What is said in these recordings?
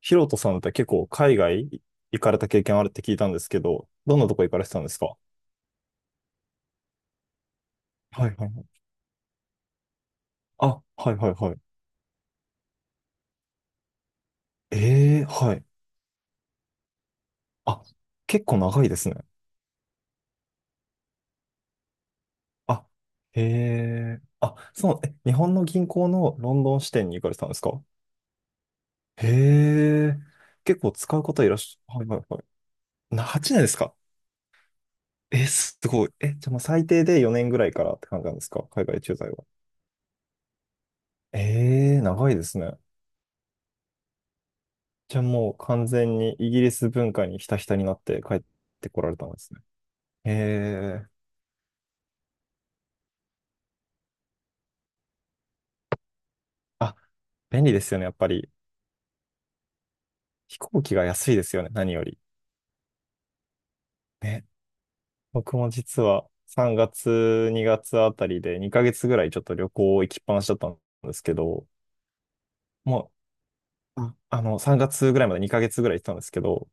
ヒロトさんって結構海外行かれた経験あるって聞いたんですけど、どんなとこ行かれてたんですか？はいはいはい。あ、はいはいはい。ええはい。あ、結構長いですね。あ、へえ。あ、そう、え、日本の銀行のロンドン支店に行かれてたんですか？へえ。結構使う方いらっしゃ、はいはいはい。8年ですか？え、すごい。え、じゃあもう最低で4年ぐらいからって感じなんですか、海外駐在は？ええ、長いですね。じゃあもう完全にイギリス文化にひたひたになって帰ってこられたんですね。へえ。あ、便利ですよね、やっぱり。飛行機が安いですよね、何より。ね。僕も実は3月、2月あたりで2ヶ月ぐらいちょっと旅行行きっぱなしだったんですけど、もう、3月ぐらいまで2ヶ月ぐらい行ってたんですけど、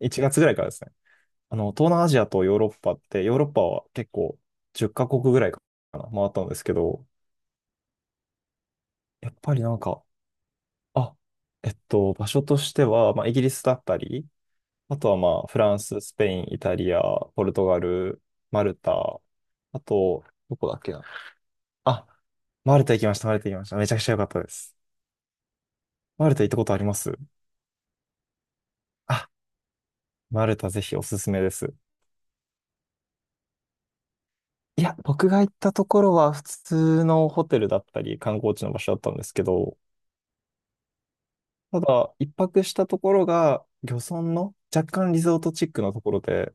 1月ぐらいからですね。あの、東南アジアとヨーロッパって、ヨーロッパは結構10カ国ぐらいかな、回ったんですけど、やっぱりなんか、あ場所としては、まあ、イギリスだったり、あとはまあ、フランス、スペイン、イタリア、ポルトガル、マルタ、あと、どこだっけな。あ、マルタ行きました、マルタ行きました。めちゃくちゃ良かったです。マルタ行ったことあります？あ、マルタぜひおすすめです。いや、僕が行ったところは普通のホテルだったり、観光地の場所だったんですけど、ただ、一泊したところが、漁村の若干リゾートチックなところで、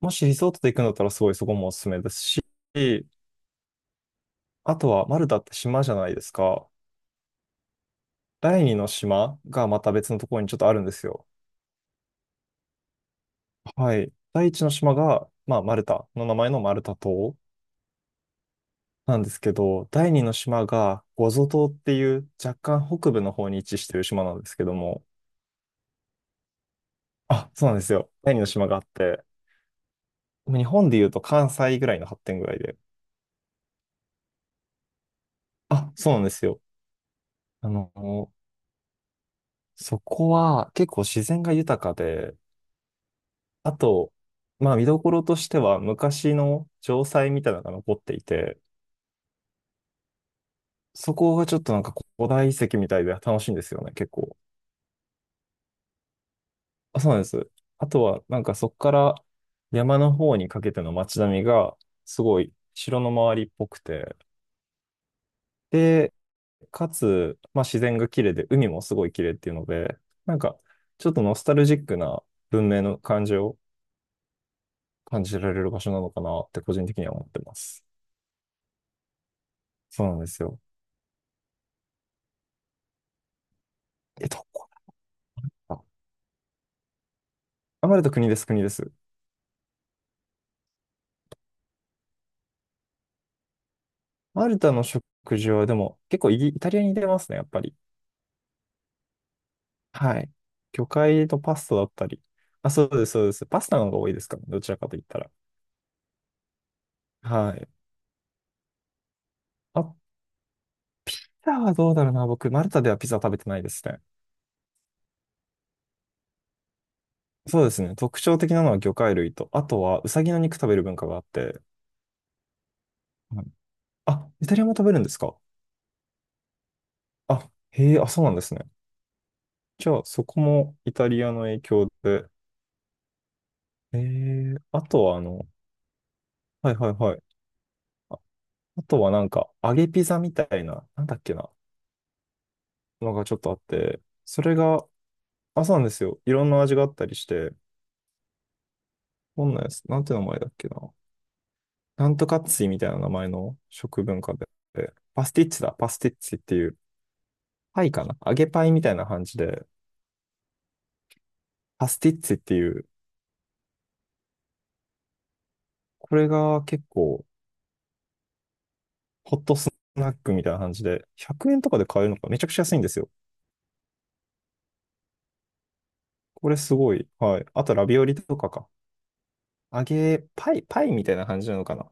もしリゾートで行くんだったらすごいそこもおすすめですし、あとはマルタって島じゃないですか。第二の島がまた別のところにちょっとあるんですよ。はい。第一の島が、まあ、マルタの名前のマルタ島なんですけど、第二の島がゴゾ島っていう若干北部の方に位置してる島なんですけども、あ、そうなんですよ。第二の島があって、日本で言うと関西ぐらいの発展ぐらいで。あ、そうなんですよ。あの、そこは結構自然が豊かで、あと、まあ見どころとしては昔の城塞みたいなのが残っていて、そこがちょっとなんか古代遺跡みたいで楽しいんですよね、結構。あ、そうなんです。あとはなんかそこから山の方にかけての街並みがすごい城の周りっぽくて、で、かつ、まあ自然が綺麗で海もすごい綺麗っていうので、なんかちょっとノスタルジックな文明の感じを感じられる場所なのかなって個人的には思ってます。そうなんですよ。え、どこだ。あ、マルタ国です、国です。マルタの食事はでも結構イタリアに似てますね、やっぱり。はい。魚介とパスタだったり。あ、そうです、そうです。パスタの方が多いですかね、どちらかと言ったら。はい。あ、ピザはどうだろうな、僕、マルタではピザ食べてないですね。そうですね。特徴的なのは魚介類と、あとはウサギの肉食べる文化があって。はい。あ、イタリアも食べるんですか？あ、へえ、あ、そうなんですね。じゃあ、そこもイタリアの影響で。あとはあの、はいはいはい。あとはなんか、揚げピザみたいな、なんだっけな、のがちょっとあって、それが、あ、そうなんですよ。いろんな味があったりして、どんなやつ、なんて名前だっけな。なんとかっついみたいな名前の食文化で、パスティッツだ、パスティッツっていう、パイかな、揚げパイみたいな感じで、パスティッツっていう、これが結構、ホットスナックみたいな感じで、100円とかで買えるのか、めちゃくちゃ安いんですよ。これすごい。はい。あと、ラビオリとかか。揚げパイ、パイみたいな感じなのかな。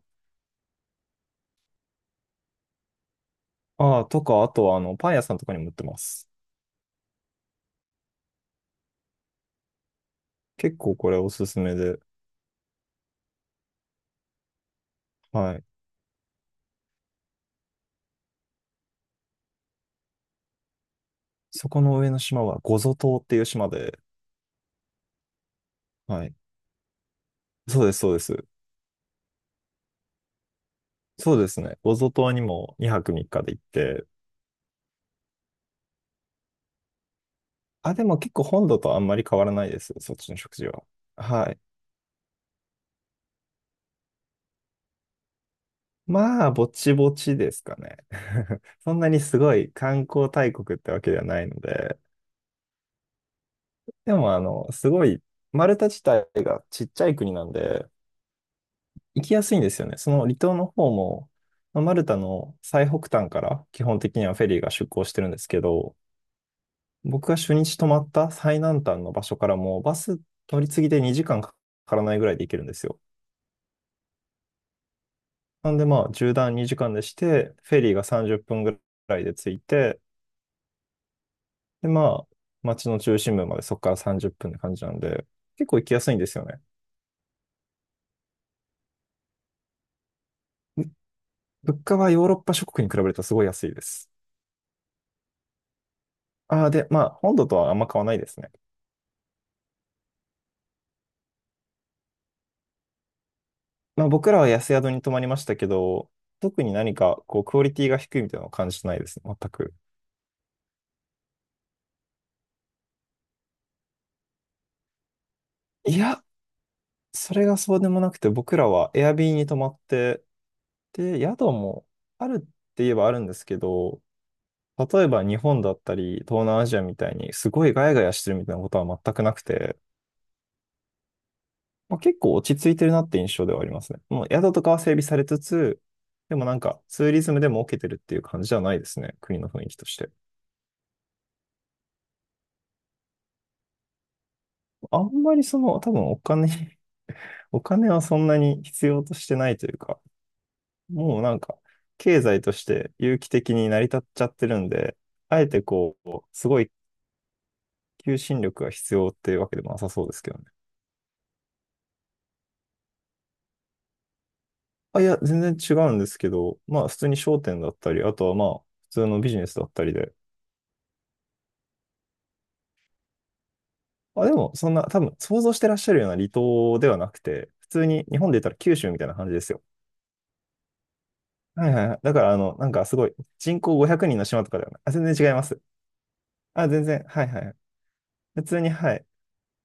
ああ、とか、あとは、あの、パン屋さんとかにも売ってます。結構これおすすめで、はい。そこの上の島は、ゴゾ島っていう島で、はい。そうです、そうです。そうですね。ゴゾ島にも2泊3日で行って、あ、でも結構本土とあんまり変わらないです、そっちの食事は。はい。まあ、ぼちぼちですかね。そんなにすごい観光大国ってわけではないので、でも、あの、すごい、マルタ自体がちっちゃい国なんで、行きやすいんですよね、その離島の方も。まあマルタの最北端から基本的にはフェリーが出港してるんですけど、僕が初日泊まった最南端の場所からもバス乗り継ぎで2時間かからないぐらいで行けるんですよ。なんでまあ縦断2時間でして、フェリーが30分ぐらいで着いて、でまあ街の中心部までそこから30分っぷんって感じなんで、結構行きやすいんですよね。ぶ物価はヨーロッパ諸国に比べるとすごい安いです。ああ、で、まあ本土とはあんま変わらないですね。まあ、僕らは安宿に泊まりましたけど、特に何かこうクオリティが低いみたいなのを感じてないですね、全く。いや、それがそうでもなくて、僕らはエアビーに泊まって、で、宿もあるって言えばあるんですけど、例えば日本だったり、東南アジアみたいにすごいガヤガヤしてるみたいなことは全くなくて、まあ、結構落ち着いてるなって印象ではありますね。もう宿とかは整備されつつ、でもなんかツーリズムでも受けてるっていう感じじゃないですね、国の雰囲気として。あんまりその、多分お金はそんなに必要としてないというか、もうなんか、経済として有機的に成り立っちゃってるんで、あえてこう、すごい求心力が必要っていうわけでもなさそうですけどね。あ、いや、全然違うんですけど、まあ、普通に商店だったり、あとはまあ、普通のビジネスだったりで、あ、でも、そんな、多分、想像してらっしゃるような離島ではなくて、普通に日本で言ったら九州みたいな感じですよ。はいはいはい。だから、あの、なんかすごい、人口500人の島とかではない。あ、全然違います。あ、全然、はいはい。普通に、はい。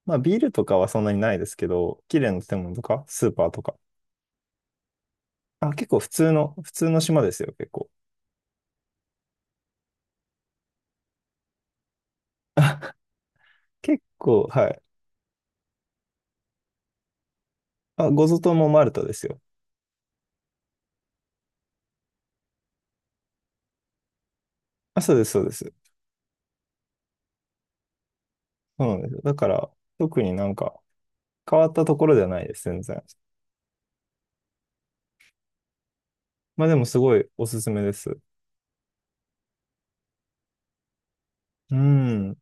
まあ、ビールとかはそんなにないですけど、綺麗な建物とか、スーパーとか。あ、結構普通の、普通の島ですよ、結構。結構、はい。あ、ゴゾ島もマルタですよ。あ、そうです、そうです。そうなんですよ。だから、特になんか変わったところではないです、全然。まあでもすごいおすすめです。うん。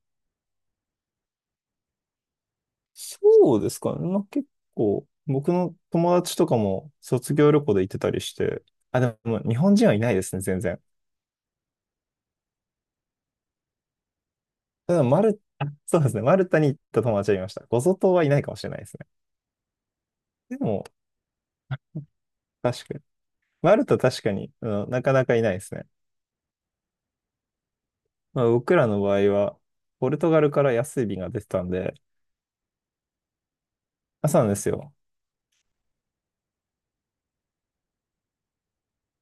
そうですかね。まあ結構、僕の友達とかも卒業旅行で行ってたりして、あ、でも日本人はいないですね、全然。ただ、あそうですね、マルタに行った友達はいました。ゴゾ島はいないかもしれないですね。でも、確かに。マルタ確かに、うん、なかなかいないですね。まあ、僕らの場合は、ポルトガルから安い便が出てたんで、朝なんですよ。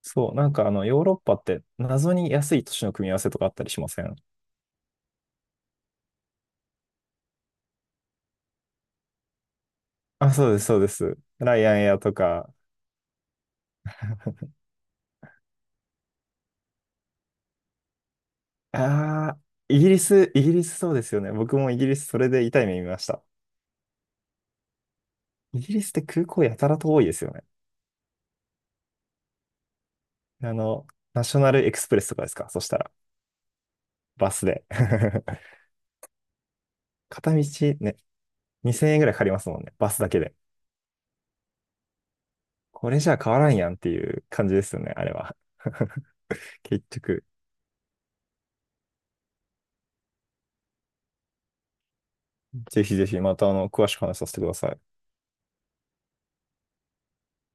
そう、なんかあの、ヨーロッパって謎に安い都市の組み合わせとかあったりしません？あ、そうです、そうです。ライアンエアとか。ああ、イギリスそうですよね。僕もイギリスそれで痛い目見ました。イギリスって空港やたらと多いですよね。あの、ナショナルエクスプレスとかですか、そしたら。バスで。片道ね、2000円ぐらいかかりますもんね、バスだけで。これじゃあ変わらんやんっていう感じですよね、あれは。結局。ぜひぜひまたあの、詳しく話させてください。